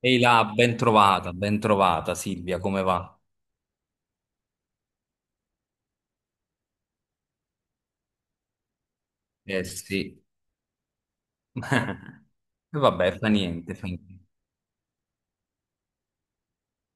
Ehi là, ben trovata Silvia, come va? Eh sì. E vabbè, fa niente, fa niente.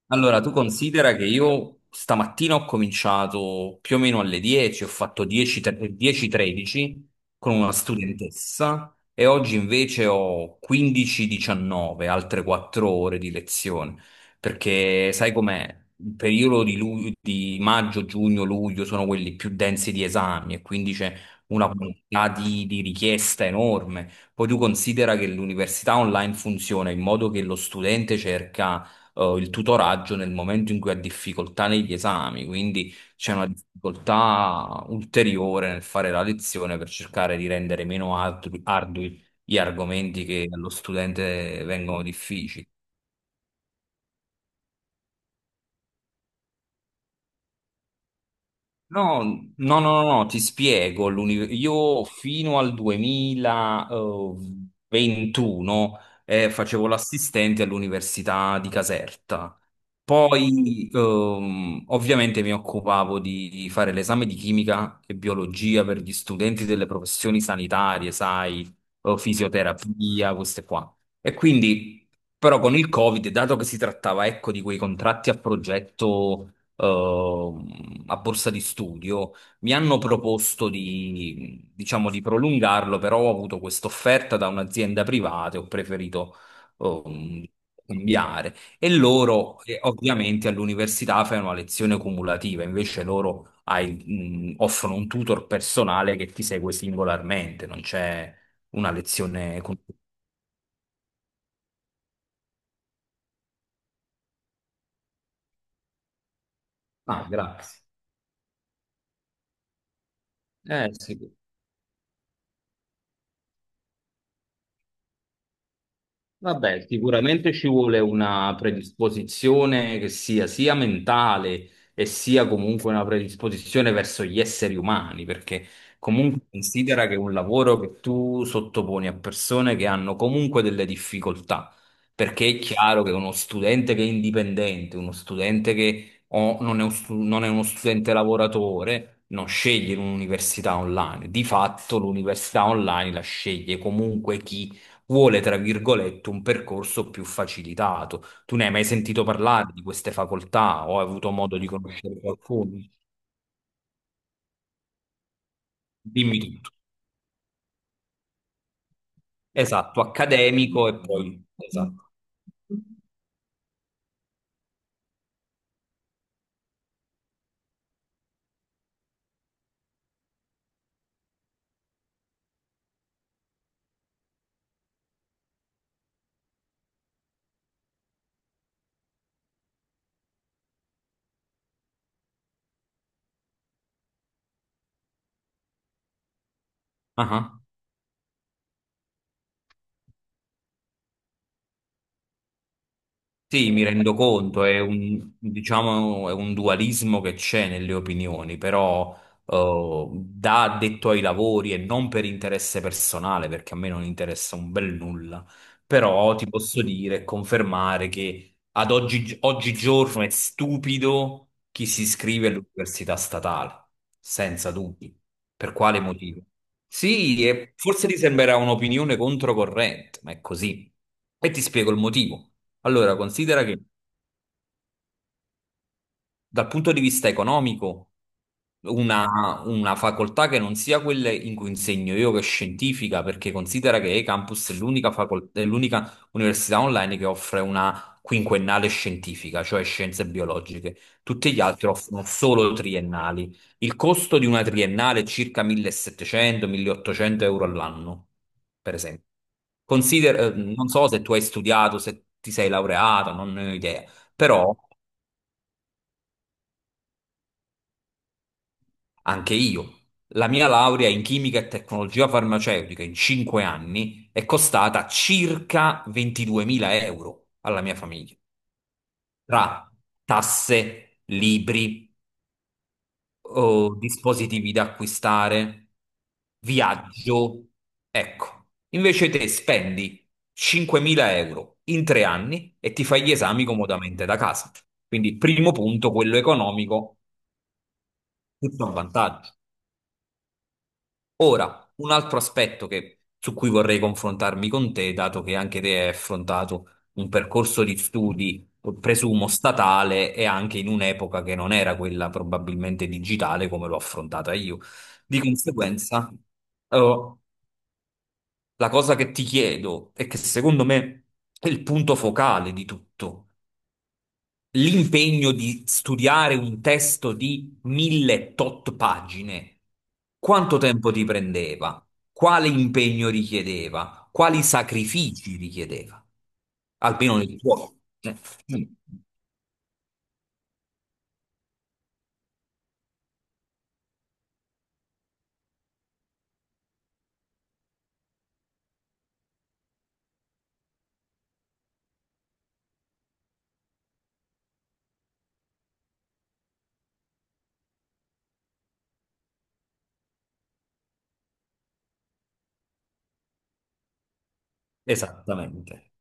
Allora, tu considera che io stamattina ho cominciato più o meno alle 10, ho fatto 10-13 con una studentessa e oggi invece ho 15-19, altre 4 ore di lezione, perché sai com'è? Il periodo di maggio, giugno, luglio sono quelli più densi di esami e quindi c'è una quantità di richiesta enorme. Poi tu considera che l'università online funziona in modo che lo studente cerca il tutoraggio nel momento in cui ha difficoltà negli esami, quindi c'è una difficoltà ulteriore nel fare la lezione per cercare di rendere meno ardui gli argomenti che allo studente vengono difficili. No, no, no, no, no, ti spiego. Io fino al 2021 facevo l'assistente all'università di Caserta. Poi, ovviamente, mi occupavo di fare l'esame di chimica e biologia per gli studenti delle professioni sanitarie, sai, o fisioterapia, queste qua. E quindi, però, con il Covid, dato che si trattava, ecco, di quei contratti a progetto a borsa di studio. Mi hanno proposto di, diciamo, di prolungarlo, però ho avuto questa offerta da un'azienda privata e ho preferito ehm, cambiare. E loro, ovviamente, all'università fanno una lezione cumulativa, invece loro offrono un tutor personale che ti segue singolarmente, non c'è una lezione con... Ah, grazie. Sì. Vabbè, sicuramente ci vuole una predisposizione che sia mentale e sia comunque una predisposizione verso gli esseri umani, perché comunque considera che è un lavoro che tu sottoponi a persone che hanno comunque delle difficoltà, perché è chiaro che uno studente che è indipendente, uno studente che o non è uno studente lavoratore, non sceglie un'università online. Di fatto l'università online la sceglie comunque chi vuole, tra virgolette, un percorso più facilitato. Tu ne hai mai sentito parlare di queste facoltà o hai avuto modo di conoscere qualcuno? Dimmi tutto. Esatto, accademico e poi... Esatto. Ah, sì, mi rendo conto, è un, diciamo, è un dualismo che c'è nelle opinioni, però da addetto ai lavori e non per interesse personale, perché a me non interessa un bel nulla, però ti posso dire e confermare che ad oggi, oggigiorno è stupido chi si iscrive all'università statale, senza dubbi. Per quale motivo? Sì, e forse ti sembrerà un'opinione controcorrente, ma è così. E ti spiego il motivo. Allora, considera che dal punto di vista economico, una facoltà che non sia quella in cui insegno io, che è scientifica, perché considera che E-Campus è l'unica università online che offre una quinquennale scientifica, cioè scienze biologiche. Tutti gli altri offrono solo triennali. Il costo di una triennale è circa 1700-1800 euro all'anno, per esempio. Non so se tu hai studiato, se ti sei laureato, non ne ho idea, però anche io. La mia laurea in chimica e tecnologia farmaceutica in 5 anni è costata circa 22.000 euro alla mia famiglia, tra tasse, libri, oh, dispositivi da acquistare, viaggio. Ecco, invece te spendi 5.000 euro in 3 anni e ti fai gli esami comodamente da casa. Quindi, primo punto, quello economico, tutto a vantaggio. Ora, un altro aspetto su cui vorrei confrontarmi con te, dato che anche te hai affrontato un percorso di studi, presumo statale, e anche in un'epoca che non era quella probabilmente digitale come l'ho affrontata io. Di conseguenza, eh, la cosa che ti chiedo e che secondo me è il punto focale di tutto l'impegno di studiare un testo di mille tot pagine, quanto tempo ti prendeva? Quale impegno richiedeva? Quali sacrifici richiedeva? Almeno nel tuo. eh, mm, Esattamente.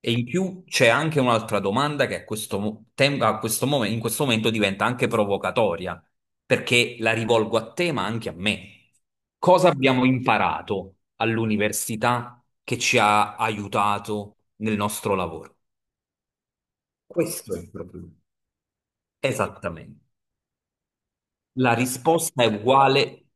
E in più c'è anche un'altra domanda che a questo, mo- tem- a questo mom- in questo momento diventa anche provocatoria, perché la rivolgo a te, ma anche a me. Cosa abbiamo imparato all'università che ci ha aiutato nel nostro lavoro? Questo è il problema. Esattamente. La risposta è uguale,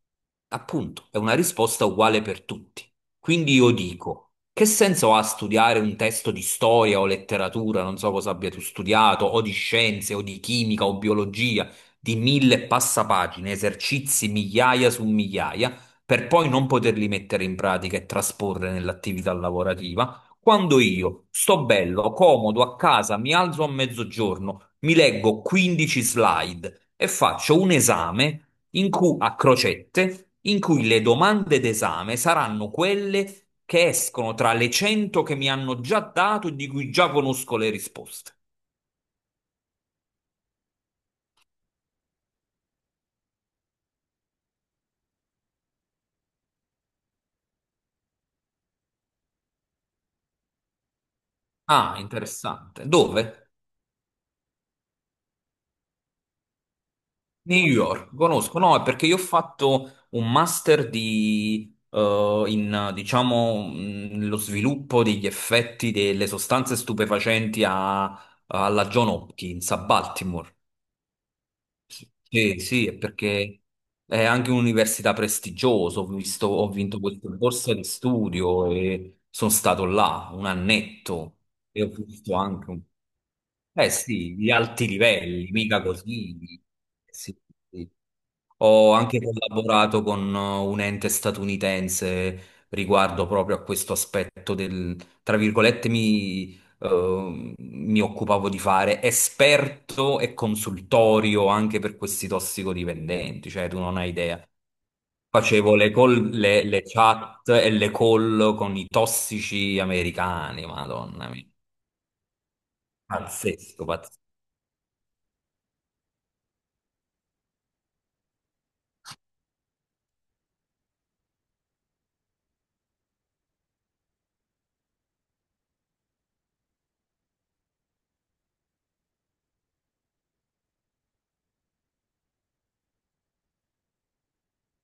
appunto, è una risposta uguale per tutti. Quindi io dico, che senso ha studiare un testo di storia o letteratura, non so cosa abbia tu studiato, o di scienze, o di chimica, o biologia, di mille e passa pagine, esercizi migliaia su migliaia, per poi non poterli mettere in pratica e trasporre nell'attività lavorativa, quando io sto bello, comodo, a casa, mi alzo a mezzogiorno, mi leggo 15 slide e faccio un esame in cui, a crocette in cui le domande d'esame saranno quelle che escono tra le 100 che mi hanno già dato e di cui già conosco le risposte. Ah, interessante. Dove? New York. Conosco, no, è perché io ho fatto un master in, diciamo, lo sviluppo degli effetti delle sostanze stupefacenti alla John Hopkins a Baltimore. Sì, sì, è perché è anche un'università prestigiosa, ho vinto questa borsa di studio e sono stato là un annetto e ho visto anche un... Eh sì, di alti livelli, mica così. Sì, sì. Ho anche collaborato con un ente statunitense riguardo proprio a questo aspetto del, tra virgolette, mi occupavo di fare esperto e consultorio anche per questi tossicodipendenti, cioè tu non hai idea. Facevo le chat e le call con i tossici americani, madonna mia. Pazzesco, pazzesco.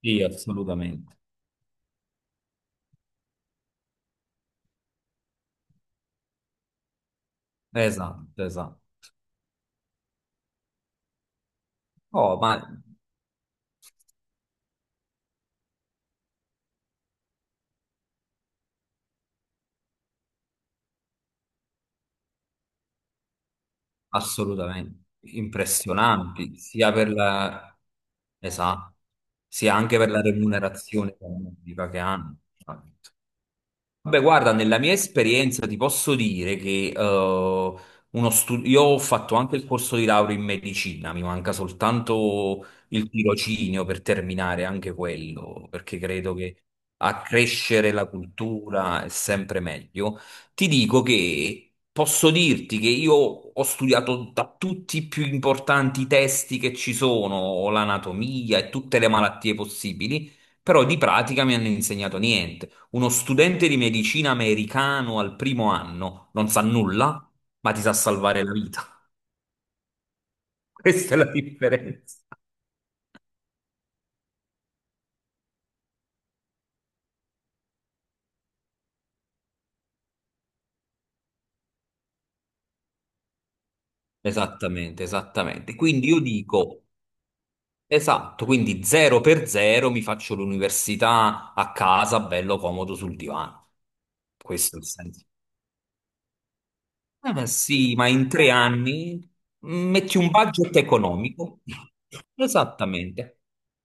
Sì, assolutamente. Esatto, esatto. Oh, ma assolutamente impressionanti, sia per la... Esatto, sia anche per la remunerazione economica che hanno. Beh, guarda, nella mia esperienza ti posso dire che io ho fatto anche il corso di laurea in medicina, mi manca soltanto il tirocinio per terminare anche quello, perché credo che accrescere la cultura è sempre meglio. Ti dico che posso dirti che io ho studiato da tutti i più importanti testi che ci sono, l'anatomia e tutte le malattie possibili, però di pratica mi hanno insegnato niente. Uno studente di medicina americano al primo anno non sa nulla, ma ti sa salvare la vita. Questa è la differenza. Esattamente, esattamente. Quindi io dico, esatto, quindi zero per zero mi faccio l'università a casa, bello comodo sul divano. Questo è il senso. Ma sì, ma in 3 anni metti un budget economico. Esattamente.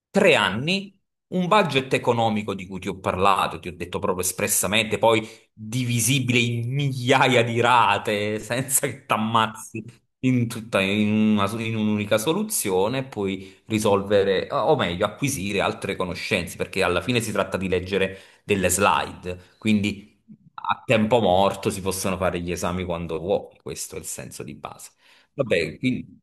3 anni, un budget economico di cui ti ho parlato, ti ho detto proprio espressamente, poi divisibile in migliaia di rate, senza che ti ammazzi in tutta, in un'unica soluzione, e poi risolvere, o meglio, acquisire altre conoscenze, perché alla fine si tratta di leggere delle slide. Quindi a tempo morto si possono fare gli esami quando vuoi, questo è il senso di base. Vabbè, quindi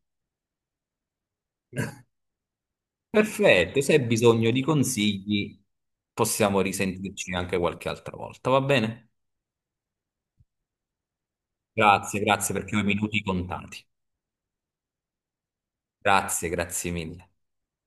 perfetto, se hai bisogno di consigli possiamo risentirci anche qualche altra volta, va bene? Grazie, grazie perché ho i minuti contati. Grazie, grazie mille.